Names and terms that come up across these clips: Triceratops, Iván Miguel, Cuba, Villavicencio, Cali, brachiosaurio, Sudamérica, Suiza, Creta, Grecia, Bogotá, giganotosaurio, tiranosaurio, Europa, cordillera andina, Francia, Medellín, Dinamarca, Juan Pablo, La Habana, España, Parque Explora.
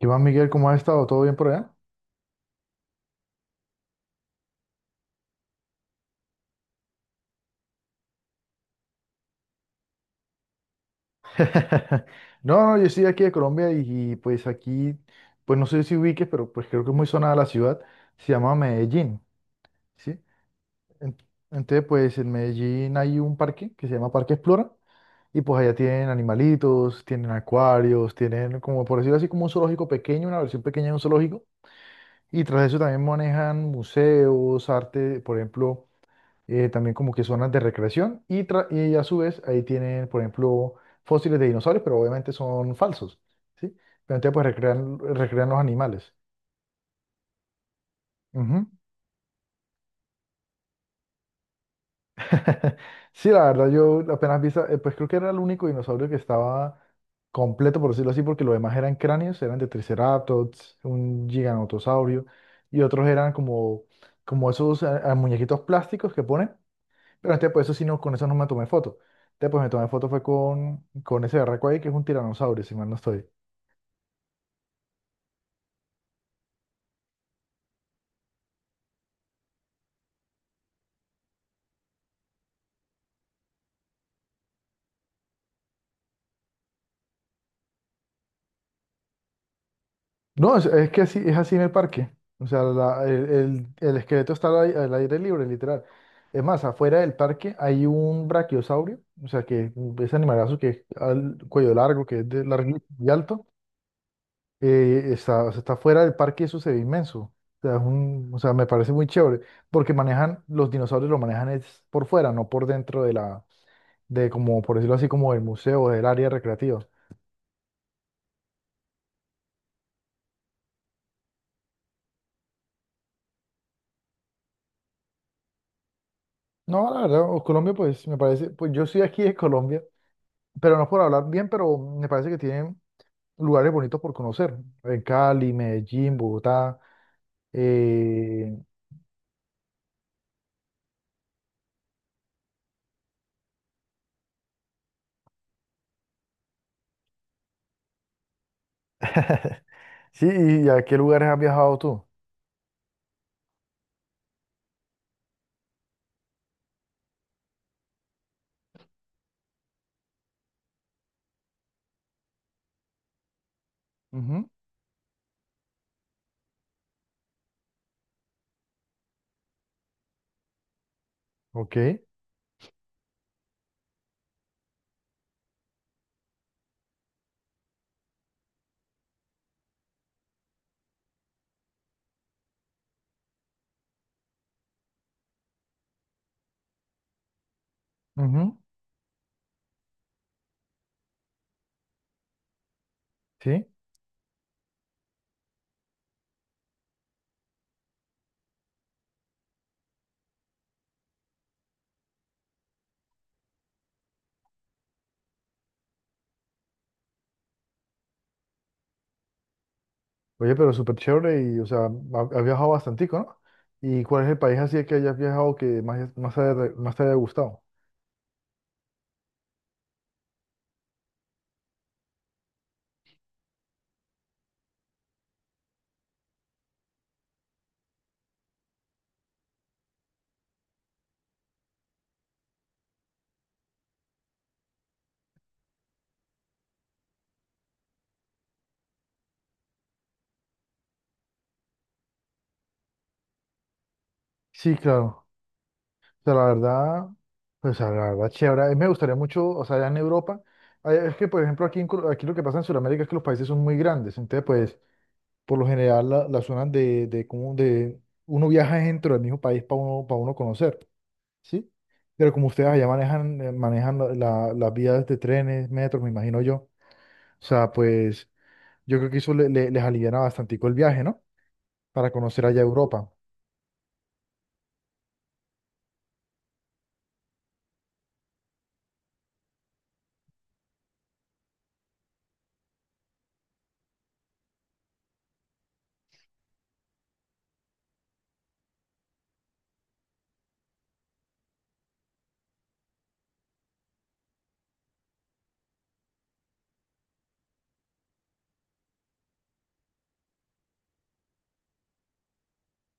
Iván Miguel, ¿cómo has estado? ¿Todo bien por allá? No, no, yo estoy aquí de Colombia pues aquí, pues no sé si ubiques, pero pues creo que es muy sonada la ciudad, se llama Medellín, ¿sí? En- Entonces, pues en Medellín hay un parque que se llama Parque Explora y pues allá tienen animalitos, tienen acuarios, tienen como por decirlo así como un zoológico pequeño, una versión pequeña de un zoológico y tras eso también manejan museos, arte, por ejemplo. También como que zonas de recreación y a su vez ahí tienen, por ejemplo, fósiles de dinosaurios, pero obviamente son falsos, ¿sí? Pero entonces pues recrean, recrean los animales. Ujú. Sí, la verdad yo apenas vi, pues creo que era el único dinosaurio que estaba completo, por decirlo así, porque los demás eran cráneos, eran de Triceratops, un giganotosaurio y otros eran como, como esos muñequitos plásticos que ponen. Pero este, pues eso sí, no, con eso no me tomé foto. Este, pues me tomé foto fue con ese berraco ahí, que es un tiranosaurio, si mal no estoy. No, es que así, es así en el parque. O sea, el esqueleto está al aire libre, literal. Es más, afuera del parque hay un brachiosaurio, o sea, que ese animalazo que es al cuello largo, que es de largo y alto, está, o sea, está fuera del parque y eso se ve inmenso. O sea, o sea, me parece muy chévere, porque manejan, los dinosaurios lo manejan es por fuera, no por dentro de la, de como, por decirlo así, como del museo, del área recreativa. No, la verdad, Colombia, pues me parece, pues yo soy aquí de Colombia, pero no es por hablar bien, pero me parece que tienen lugares bonitos por conocer. En Cali, Medellín, Bogotá. Eh, Sí, ¿y a qué lugares has viajado tú? Ujú. Ok. Ujú. Sí. Oye, pero súper chévere y, o sea, has viajado bastantico, ¿no? ¿Y cuál es el país así que hayas viajado que más te haya gustado? Sí, claro. Sea, la verdad, pues a la verdad, chévere. A mí me gustaría mucho, o sea, allá en Europa, ah, es que, por ejemplo, aquí, en aquí lo que pasa en Sudamérica es que los países son muy grandes, entonces, pues, por lo general, las zonas como de, uno viaja dentro del mismo país para uno conocer, ¿sí? Pero como ustedes allá manejan las vías de trenes, metros, me imagino yo, o sea, pues, yo creo que eso les aliviana bastante el viaje, ¿no? Para conocer allá Europa.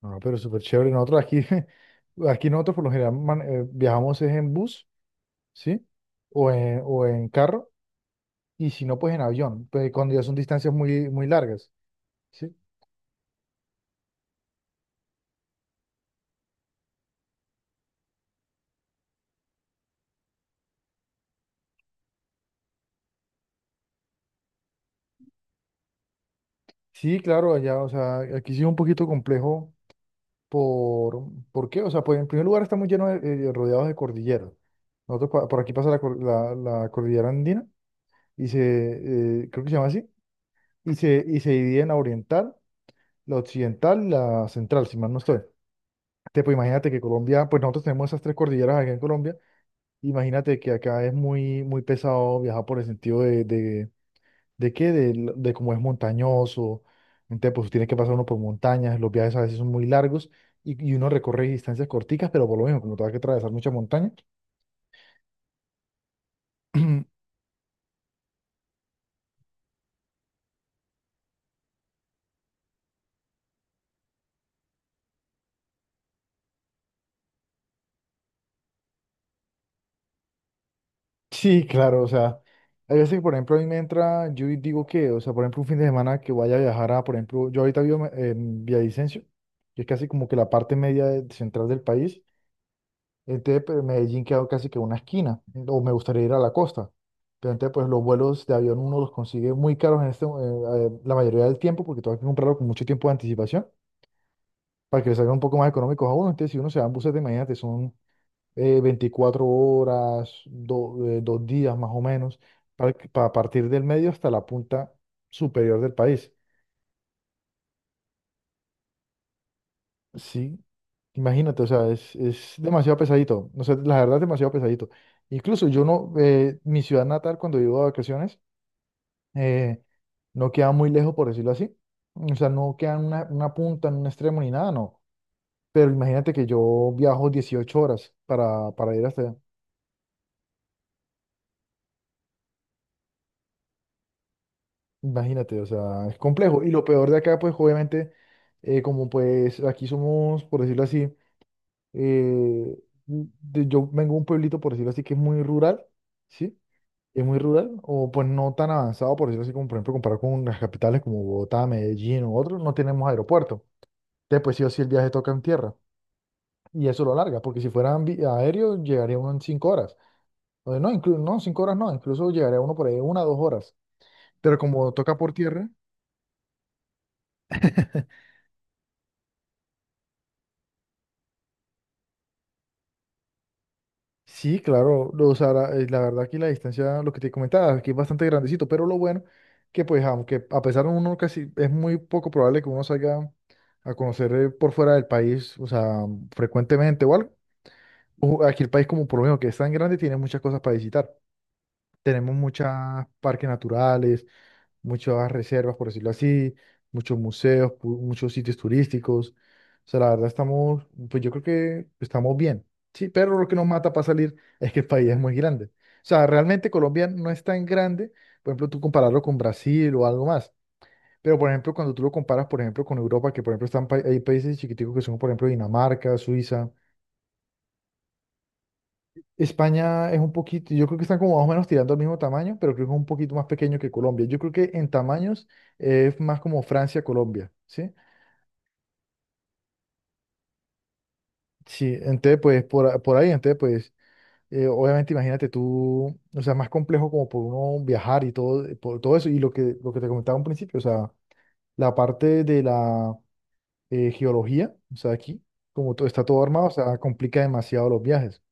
No, pero súper chévere. Nosotros aquí, aquí nosotros por lo general viajamos es en bus, ¿sí? O en carro, y si no, pues en avión, pues cuando ya son distancias muy, muy largas, ¿sí? Sí, claro, allá, o sea, aquí sí es un poquito complejo por, ¿por qué? O sea, pues en primer lugar estamos llenos de, rodeados de cordilleras. Nosotros por aquí pasa la cordillera andina, creo que se llama así, y se divide en la oriental, la occidental y la central, si mal no estoy. Pues imagínate que Colombia, pues nosotros tenemos esas tres cordilleras acá en Colombia. Imagínate que acá es muy, muy pesado viajar por el sentido de qué, de, l- de cómo es montañoso. Entonces, pues tiene que pasar uno por montañas, los viajes a veces son muy largos uno recorre distancias corticas, pero por lo mismo, como te vas que atravesar mucha montaña. Sí, claro, o sea, hay veces que, por ejemplo, a mí me entra, yo digo que, o sea, por ejemplo, un fin de semana que vaya a viajar a, por ejemplo, yo ahorita vivo en Villavicencio, que es casi como que la parte media central del país. Entonces, pues, Medellín quedó casi que una esquina, o me gustaría ir a la costa. Pero entonces, pues los vuelos de avión uno los consigue muy caros en este, la mayoría del tiempo, porque tengo que comprarlo con mucho tiempo de anticipación, para que le salgan un poco más económicos a uno. Entonces, si uno se va en buses de mañana, te son 24 horas, 2 días más o menos, para partir del medio hasta la punta superior del país. Sí, imagínate, o sea, es demasiado pesadito, no sé, la verdad es demasiado pesadito. Incluso yo no, mi ciudad natal cuando vivo de vacaciones, eh, no queda muy lejos, por decirlo así. O sea, no queda en una punta, en un extremo ni nada, no. Pero imagínate que yo viajo 18 horas para ir hasta allá. Imagínate, o sea, es complejo. Y lo peor de acá, pues obviamente, como pues aquí somos, por decirlo así, eh, yo vengo de un pueblito, por decirlo así, que es muy rural, ¿sí? Es muy rural, o pues no tan avanzado, por decirlo así, como por ejemplo comparado con las capitales como Bogotá, Medellín u otros, no tenemos aeropuerto. Entonces, pues sí o sí el viaje toca en tierra. Y eso lo alarga, porque si fuera aéreo, llegaría uno en 5 horas. O no, incluso, no, 5 horas no, incluso llegaría uno por ahí una o 2 horas. Pero como toca por tierra, Sí, claro, o sea, la verdad aquí la distancia, lo que te comentaba, aquí es bastante grandecito, pero lo bueno que pues aunque a pesar de uno casi, es muy poco probable que uno salga a conocer por fuera del país, o sea, frecuentemente o algo, o aquí el país como por lo menos que es tan grande, tiene muchas cosas para visitar. Tenemos muchos parques naturales, muchas reservas, por decirlo así, muchos museos, muchos sitios turísticos. O sea, la verdad estamos, pues yo creo que estamos bien, sí, pero lo que nos mata para salir es que el país es muy grande. O sea, realmente Colombia no es tan grande, por ejemplo, tú compararlo con Brasil o algo más. Pero, por ejemplo, cuando tú lo comparas, por ejemplo, con Europa, que por ejemplo están hay países chiquiticos que son, por ejemplo, Dinamarca, Suiza. España es un poquito, yo creo que están como más o menos tirando al mismo tamaño, pero creo que es un poquito más pequeño que Colombia. Yo creo que en tamaños es más como Francia, Colombia, ¿sí? Sí, entonces pues por, por ahí, entonces pues obviamente imagínate tú, o sea, más complejo como por uno viajar y todo, por todo eso, y lo que te comentaba un principio, o sea, la parte de la geología, o sea, aquí, como todo está todo armado, o sea, complica demasiado los viajes.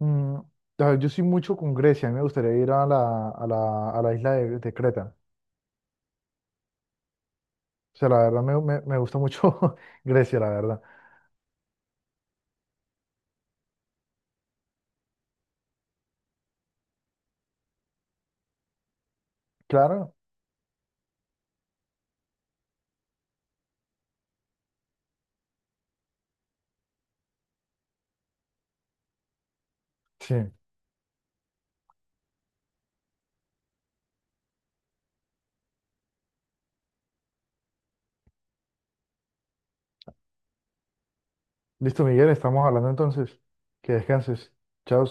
Mm, a ver, yo soy mucho con Grecia, a mí me gustaría ir a la isla de Creta. O sea, la verdad me gusta mucho Grecia, la verdad. Claro, sí. Listo, Miguel, estamos hablando entonces. Que descanses. Chao.